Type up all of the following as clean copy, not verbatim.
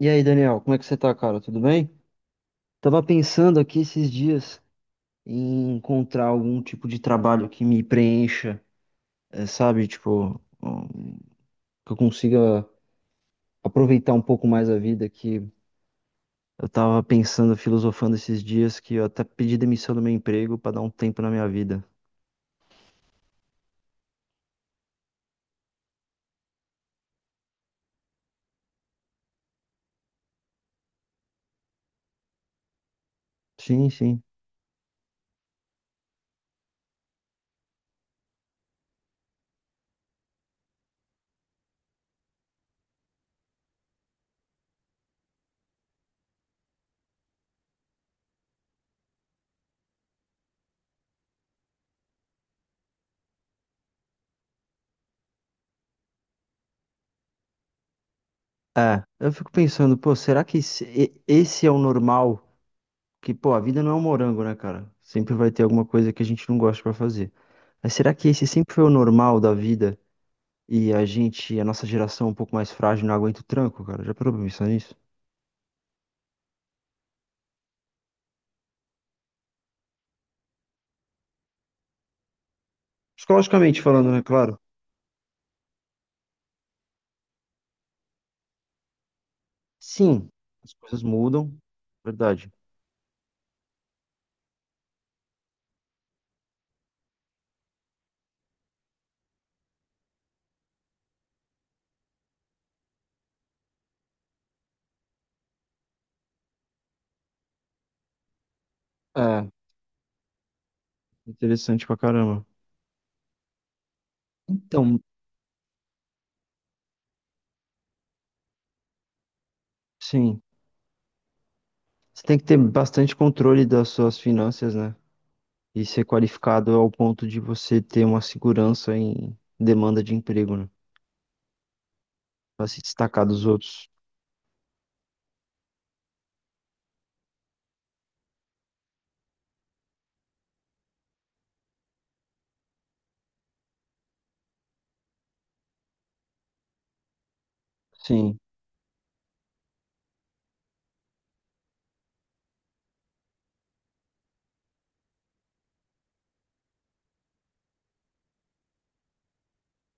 E aí, Daniel, como é que você tá, cara? Tudo bem? Tava pensando aqui esses dias em encontrar algum tipo de trabalho que me preencha, sabe? Tipo, que eu consiga aproveitar um pouco mais a vida, que eu tava pensando, filosofando esses dias, que eu até pedi demissão do meu emprego pra dar um tempo na minha vida. Sim, sim. É, eu fico pensando, pô, será que esse é o normal? Que, pô, a vida não é um morango, né, cara? Sempre vai ter alguma coisa que a gente não gosta pra fazer. Mas será que esse sempre foi o normal da vida e a nossa geração é um pouco mais frágil, não aguenta o tranco, cara? Já parou pra pensar nisso? Psicologicamente falando, né, claro? Sim, as coisas mudam, verdade. É, interessante pra caramba. Então, sim, você tem que ter bastante controle das suas finanças, né? E ser qualificado ao ponto de você ter uma segurança em demanda de emprego, né? Pra se destacar dos outros. Sim.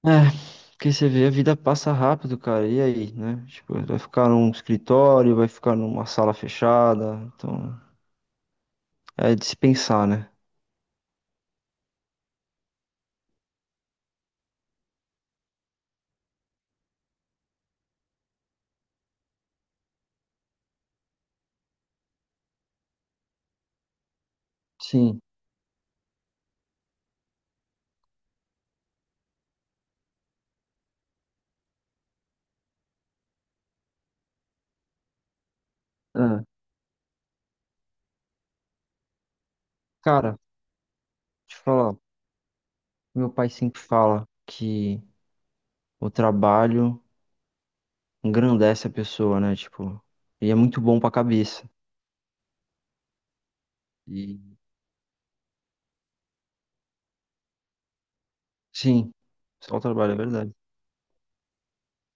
É, porque você vê, a vida passa rápido, cara. E aí, né? Tipo, vai ficar num escritório, vai ficar numa sala fechada. Então, é de se pensar, né? Sim. Ah, cara, deixa eu falar. Meu pai sempre fala que o trabalho engrandece a pessoa, né? Tipo, e é muito bom pra cabeça. E sim, só o trabalho, é verdade.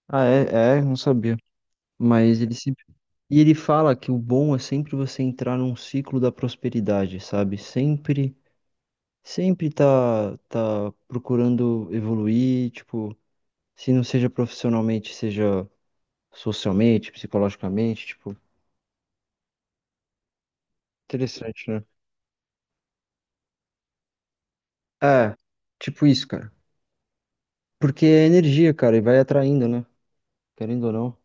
Ah, é, é, não sabia. Mas ele sempre. E ele fala que o bom é sempre você entrar num ciclo da prosperidade, sabe? Sempre sempre tá procurando evoluir, tipo, se não seja profissionalmente, seja socialmente, psicologicamente, tipo, interessante, né? É, tipo isso, cara. Porque é energia, cara, e vai atraindo, né? Querendo ou não.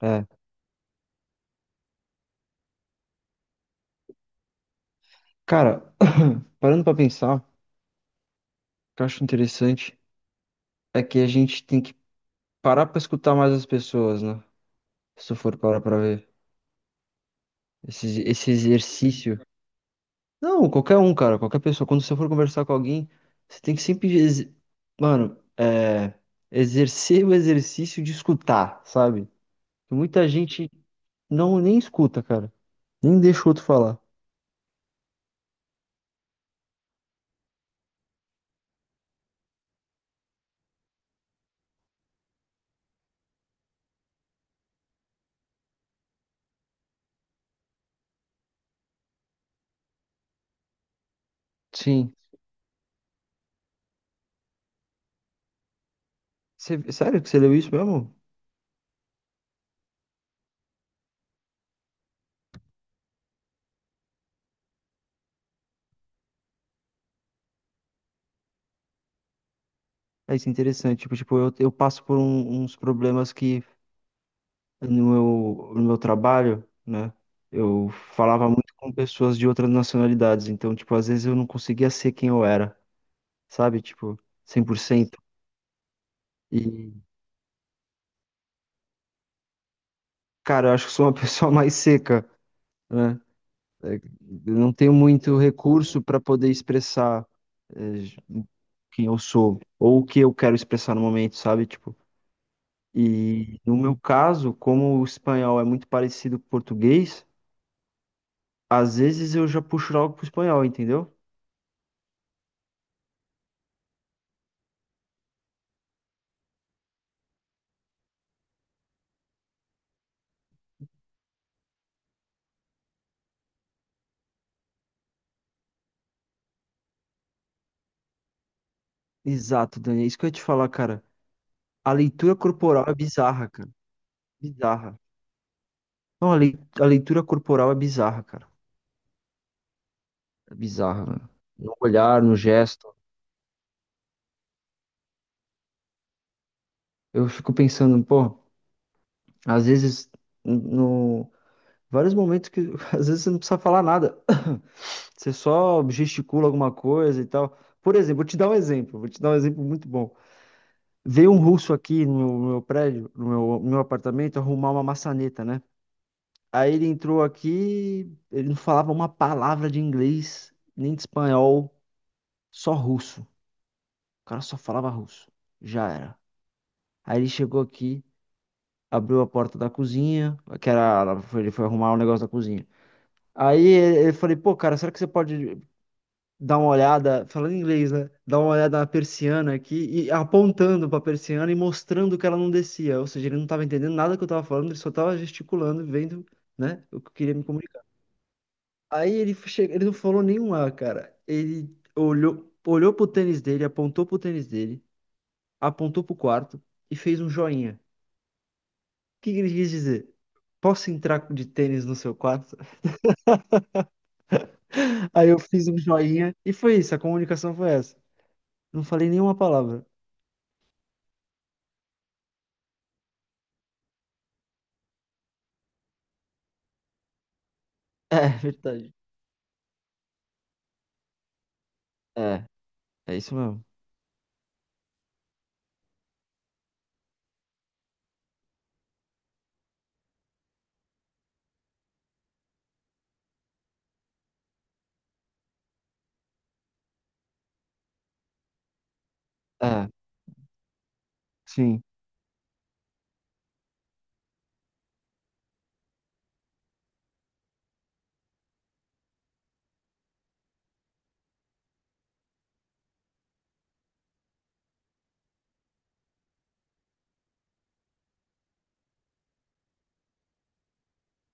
É. Cara, parando pra pensar, o que eu acho interessante é que a gente tem que parar pra escutar mais as pessoas, né? Se tu for parar pra ver. Esse exercício. Não, qualquer um, cara, qualquer pessoa. Quando você for conversar com alguém, você tem que sempre, mano, é, exercer o exercício de escutar, sabe? Muita gente não nem escuta, cara. Nem deixa o outro falar. Sim. Você- sério que você leu isso mesmo? É, isso é interessante. Tipo, eu passo por uns problemas que no meu, no meu trabalho, né? Eu falava muito com pessoas de outras nacionalidades. Então, tipo, às vezes eu não conseguia ser quem eu era, sabe? Tipo, 100%. E, cara, eu acho que sou uma pessoa mais seca, né? É, eu não tenho muito recurso para poder expressar, é, quem eu sou ou o que eu quero expressar no momento, sabe? Tipo, e no meu caso, como o espanhol é muito parecido com o português, às vezes eu já puxo algo pro espanhol, entendeu? Exato, Dani, é isso que eu ia te falar, cara. A leitura corporal é bizarra, cara. Bizarra. Não, a a leitura corporal é bizarra, cara. É bizarra, mano. No olhar, no gesto. Eu fico pensando, pô, às vezes, no vários momentos que às vezes você não precisa falar nada. Você só gesticula alguma coisa e tal. Por exemplo, vou te dar um exemplo muito bom. Veio um russo aqui no meu prédio, no meu apartamento, arrumar uma maçaneta, né? Aí ele entrou aqui, ele não falava uma palavra de inglês, nem de espanhol, só russo. O cara só falava russo. Já era. Aí ele chegou aqui. Abriu a porta da cozinha, que era, ele foi arrumar o negócio da cozinha. Aí ele Eu falei, pô, cara, será que você pode dar uma olhada, falando em inglês, né? Dar uma olhada na persiana aqui, e apontando pra persiana e mostrando que ela não descia. Ou seja, ele não tava entendendo nada que eu tava falando, ele só tava gesticulando, vendo, né, o que eu queria me comunicar. Ele não falou nenhum A, cara. Ele olhou pro tênis dele, apontou pro tênis dele, apontou pro quarto e fez um joinha. Que ele quis dizer? Posso entrar de tênis no seu quarto? Aí eu fiz um joinha e foi isso, a comunicação foi essa. Não falei nenhuma palavra. É, verdade. É, é isso mesmo. É, sim.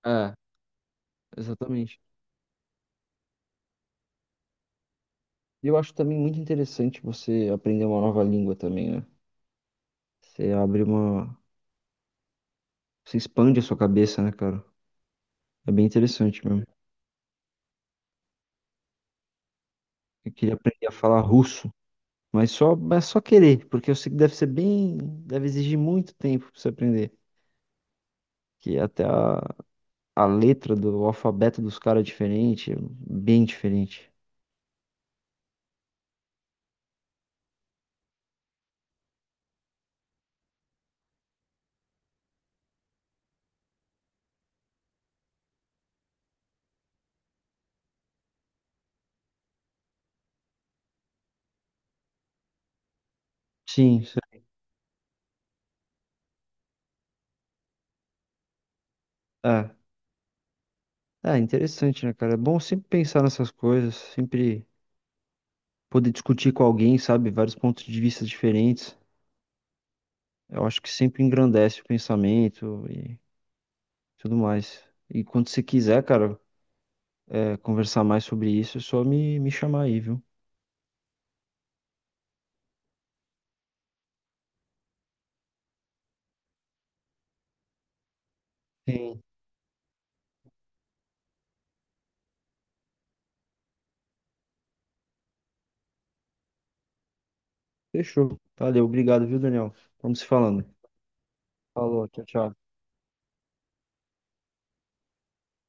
É, exatamente. E eu acho também muito interessante você aprender uma nova língua também, né? Você abre uma. Você expande a sua cabeça, né, cara? É bem interessante mesmo. Eu queria aprender a falar russo, mas só querer, porque eu sei que deve ser bem. Deve exigir muito tempo pra você aprender. Que até a letra do o alfabeto dos caras é diferente, bem diferente. Sim, sim. É. É interessante, né, cara? É bom sempre pensar nessas coisas, sempre poder discutir com alguém, sabe? Vários pontos de vista diferentes. Eu acho que sempre engrandece o pensamento e tudo mais. E quando você quiser, cara, é, conversar mais sobre isso, é só me chamar aí, viu? Sim. Fechou. Valeu, obrigado, viu, Daniel? Vamos se falando. Falou, tchau, tchau.